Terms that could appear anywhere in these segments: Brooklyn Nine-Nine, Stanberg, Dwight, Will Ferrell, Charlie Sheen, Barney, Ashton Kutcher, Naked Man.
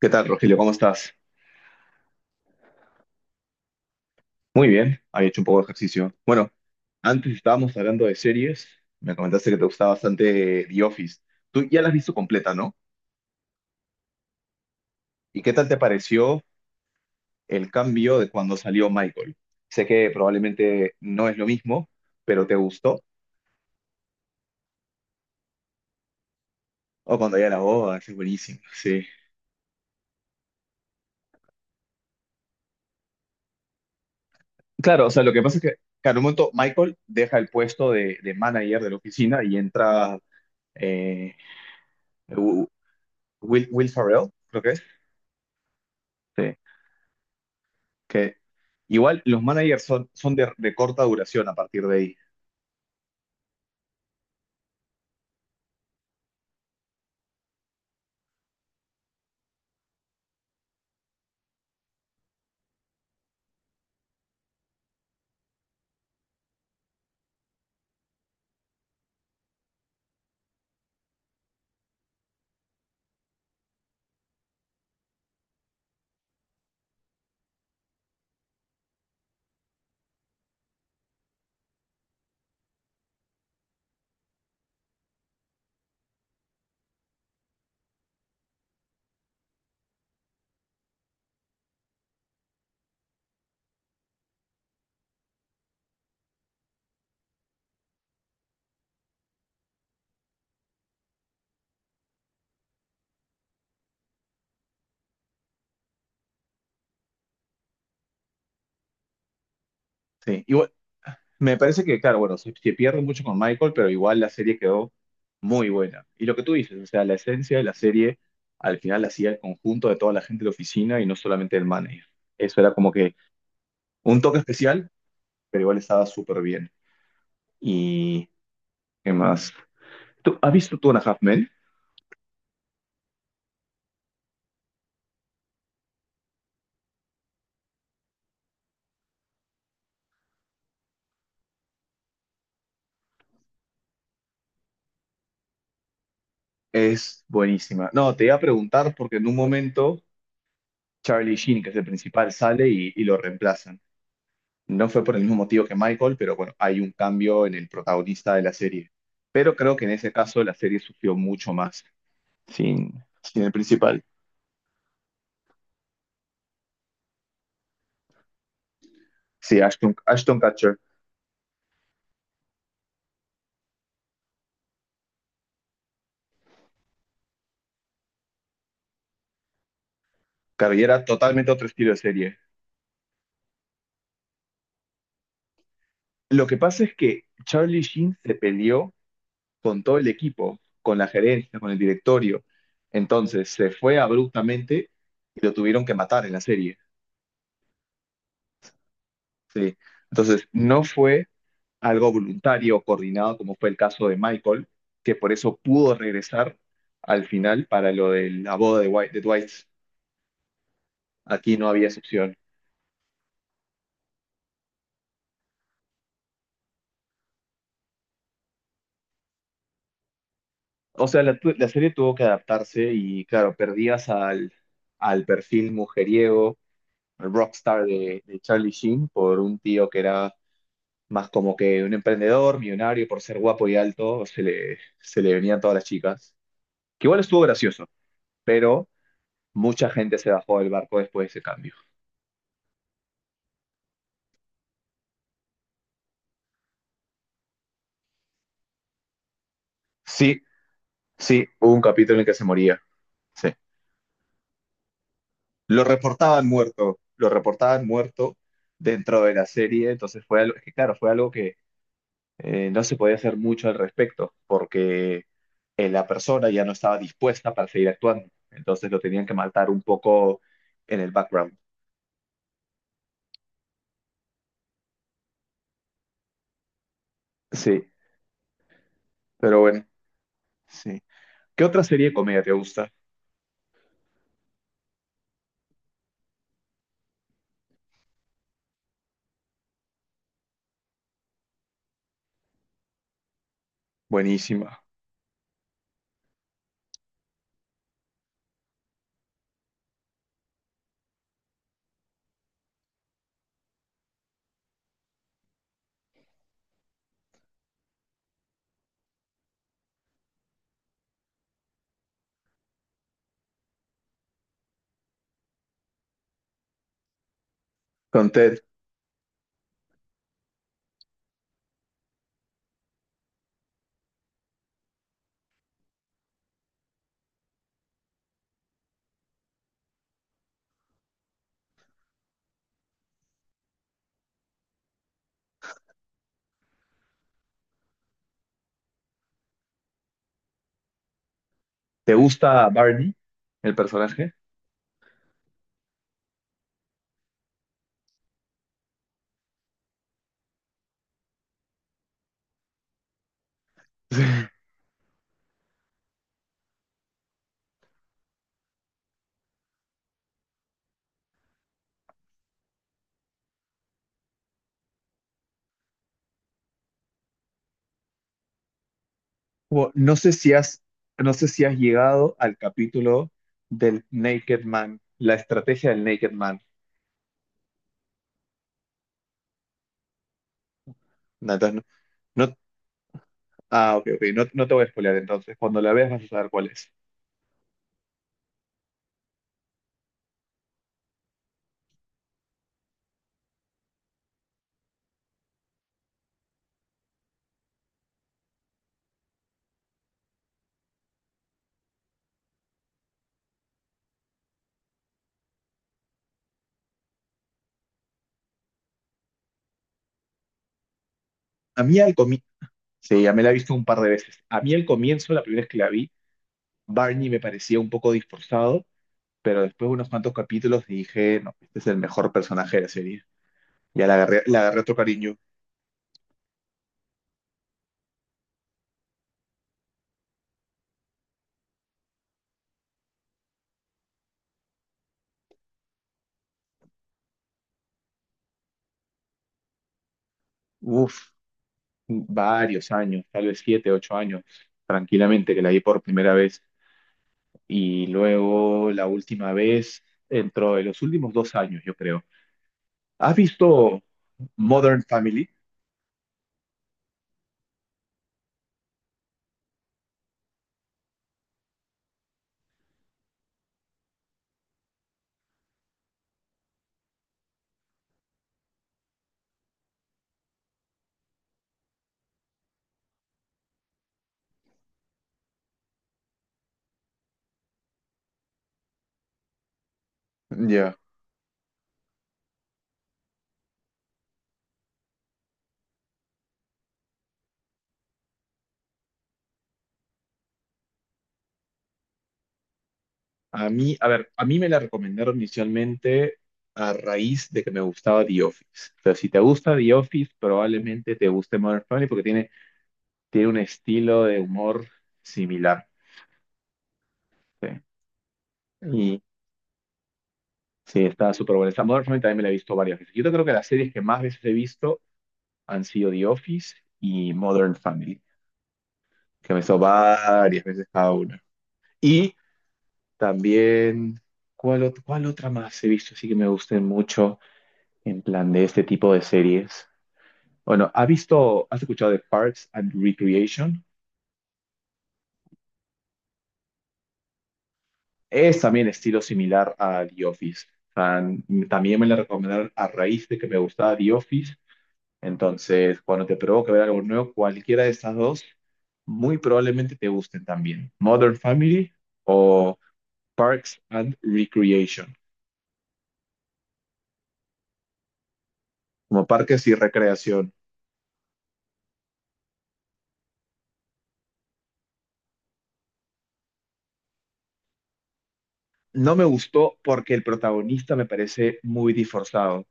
¿Qué tal, Rogelio? ¿Cómo estás? Muy bien, había hecho un poco de ejercicio. Bueno, antes estábamos hablando de series, me comentaste que te gustaba bastante The Office. Tú ya la has visto completa, ¿no? ¿Y qué tal te pareció el cambio de cuando salió Michael? Sé que probablemente no es lo mismo, pero ¿te gustó? O cuando ya la boda, ese es buenísimo, sí. Claro, o sea, lo que pasa es que, claro, un momento Michael deja el puesto de manager de la oficina y entra eh, Will Ferrell, creo que es. Sí. Que igual los managers son de corta duración a partir de ahí. Sí, igual, me parece que, claro, bueno, se pierde mucho con Michael, pero igual la serie quedó muy buena. Y lo que tú dices, o sea, la esencia de la serie al final la hacía el conjunto de toda la gente de la oficina y no solamente el manager. Eso era como que un toque especial, pero igual estaba súper bien. ¿Y qué más? ¿Tú has visto Two and a Half Men? Es buenísima. No, te iba a preguntar porque en un momento Charlie Sheen, que es el principal, sale y lo reemplazan. No fue por el mismo motivo que Michael, pero bueno, hay un cambio en el protagonista de la serie. Pero creo que en ese caso la serie sufrió mucho más sin, sin el principal. Sí, Ashton Kutcher. Claro, y era totalmente otro estilo de serie. Lo que pasa es que Charlie Sheen se peleó con todo el equipo, con la gerencia, con el directorio. Entonces se fue abruptamente y lo tuvieron que matar en la serie. Sí. Entonces no fue algo voluntario, coordinado, como fue el caso de Michael, que por eso pudo regresar al final para lo de la boda de, White, de Dwight. Aquí no había excepción. O sea, la serie tuvo que adaptarse y claro, perdías al perfil mujeriego, al rockstar de Charlie Sheen, por un tío que era más como que un emprendedor, millonario, por ser guapo y alto, se le venían todas las chicas. Que igual estuvo gracioso, pero mucha gente se bajó del barco después de ese cambio. Sí, sí, hubo un capítulo en el que se moría. Sí. Lo reportaban muerto dentro de la serie, entonces fue algo, es que claro, fue algo que no se podía hacer mucho al respecto, porque la persona ya no estaba dispuesta para seguir actuando, entonces lo tenían que matar un poco en el background. Sí, pero bueno, sí. ¿Qué otra serie de comedia te gusta? Buenísima. Con Ted, ¿te gusta Barney, el personaje? Wo- no sé si has, no sé si has llegado al capítulo del Naked Man, la estrategia del Naked Man. No, entonces no, no- ah, ok, ok, no, no te voy a spoilear entonces. Cuando la veas vas a saber cuál es. A mí al comienzo, sí, ya me la he visto un par de veces. A mí al comienzo, la primera vez que la vi, Barney me parecía un poco disforzado, pero después de unos cuantos capítulos dije, no, este es el mejor personaje de la serie. Ya le agarré otro cariño. Uf, varios años, tal vez 7, 8 años, tranquilamente, que la vi por primera vez. Y luego la última vez dentro de los últimos 2 años, yo creo. ¿Has visto Modern Family? Ya. A mí, a ver, a mí me la recomendaron inicialmente a raíz de que me gustaba The Office. O sea, si te gusta The Office, probablemente te guste Modern Family porque tiene, tiene un estilo de humor similar. ¿Sí? Y sí, está súper buena. Esta Modern Family también me la he visto varias veces. Yo creo que las series que más veces he visto han sido The Office y Modern Family, que me hizo varias veces cada una. Y también, ¿cuál, cuál otra más he visto? Así que me gusten mucho en plan de este tipo de series. Bueno, ¿has visto, has escuchado de Parks and Recreation? Es también estilo similar a The Office. O también me la recomendaron a raíz de que me gustaba The Office. Entonces, cuando te provoque ver algo nuevo, cualquiera de estas dos, muy probablemente te gusten también. Modern Family o Parks and Recreation. Como parques y recreación. No me gustó porque el protagonista me parece muy disforzado.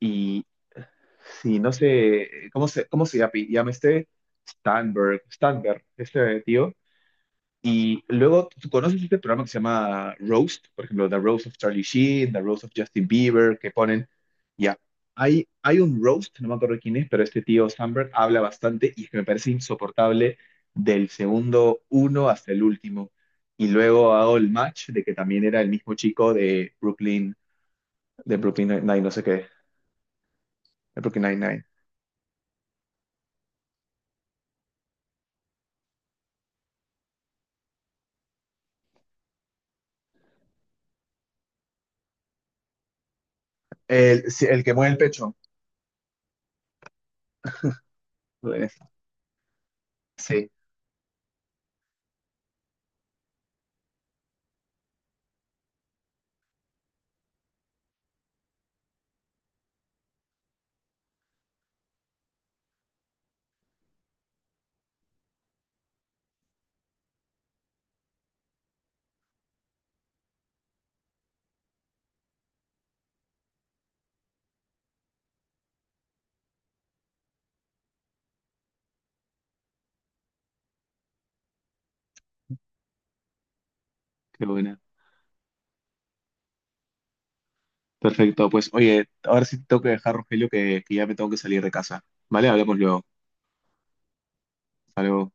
Y si no sé, ¿cómo se llama? Llama este Stanberg, este tío. Y luego, ¿tú conoces este programa que se llama Roast? Por ejemplo, The Roast of Charlie Sheen, The Roast of Justin Bieber, que ponen, ya, hay un roast, no me acuerdo quién es, pero este tío Sandberg habla bastante y es que me parece insoportable del segundo uno hasta el último. Y luego hago el match de que también era el mismo chico de Brooklyn, no sé qué, de Brooklyn Nine-Nine. El, sí, el que mueve el pecho. Sí, qué buena. Perfecto, pues oye, ahora sí te tengo que dejar, Rogelio, que ya me tengo que salir de casa. Vale, hablamos luego. Hasta luego.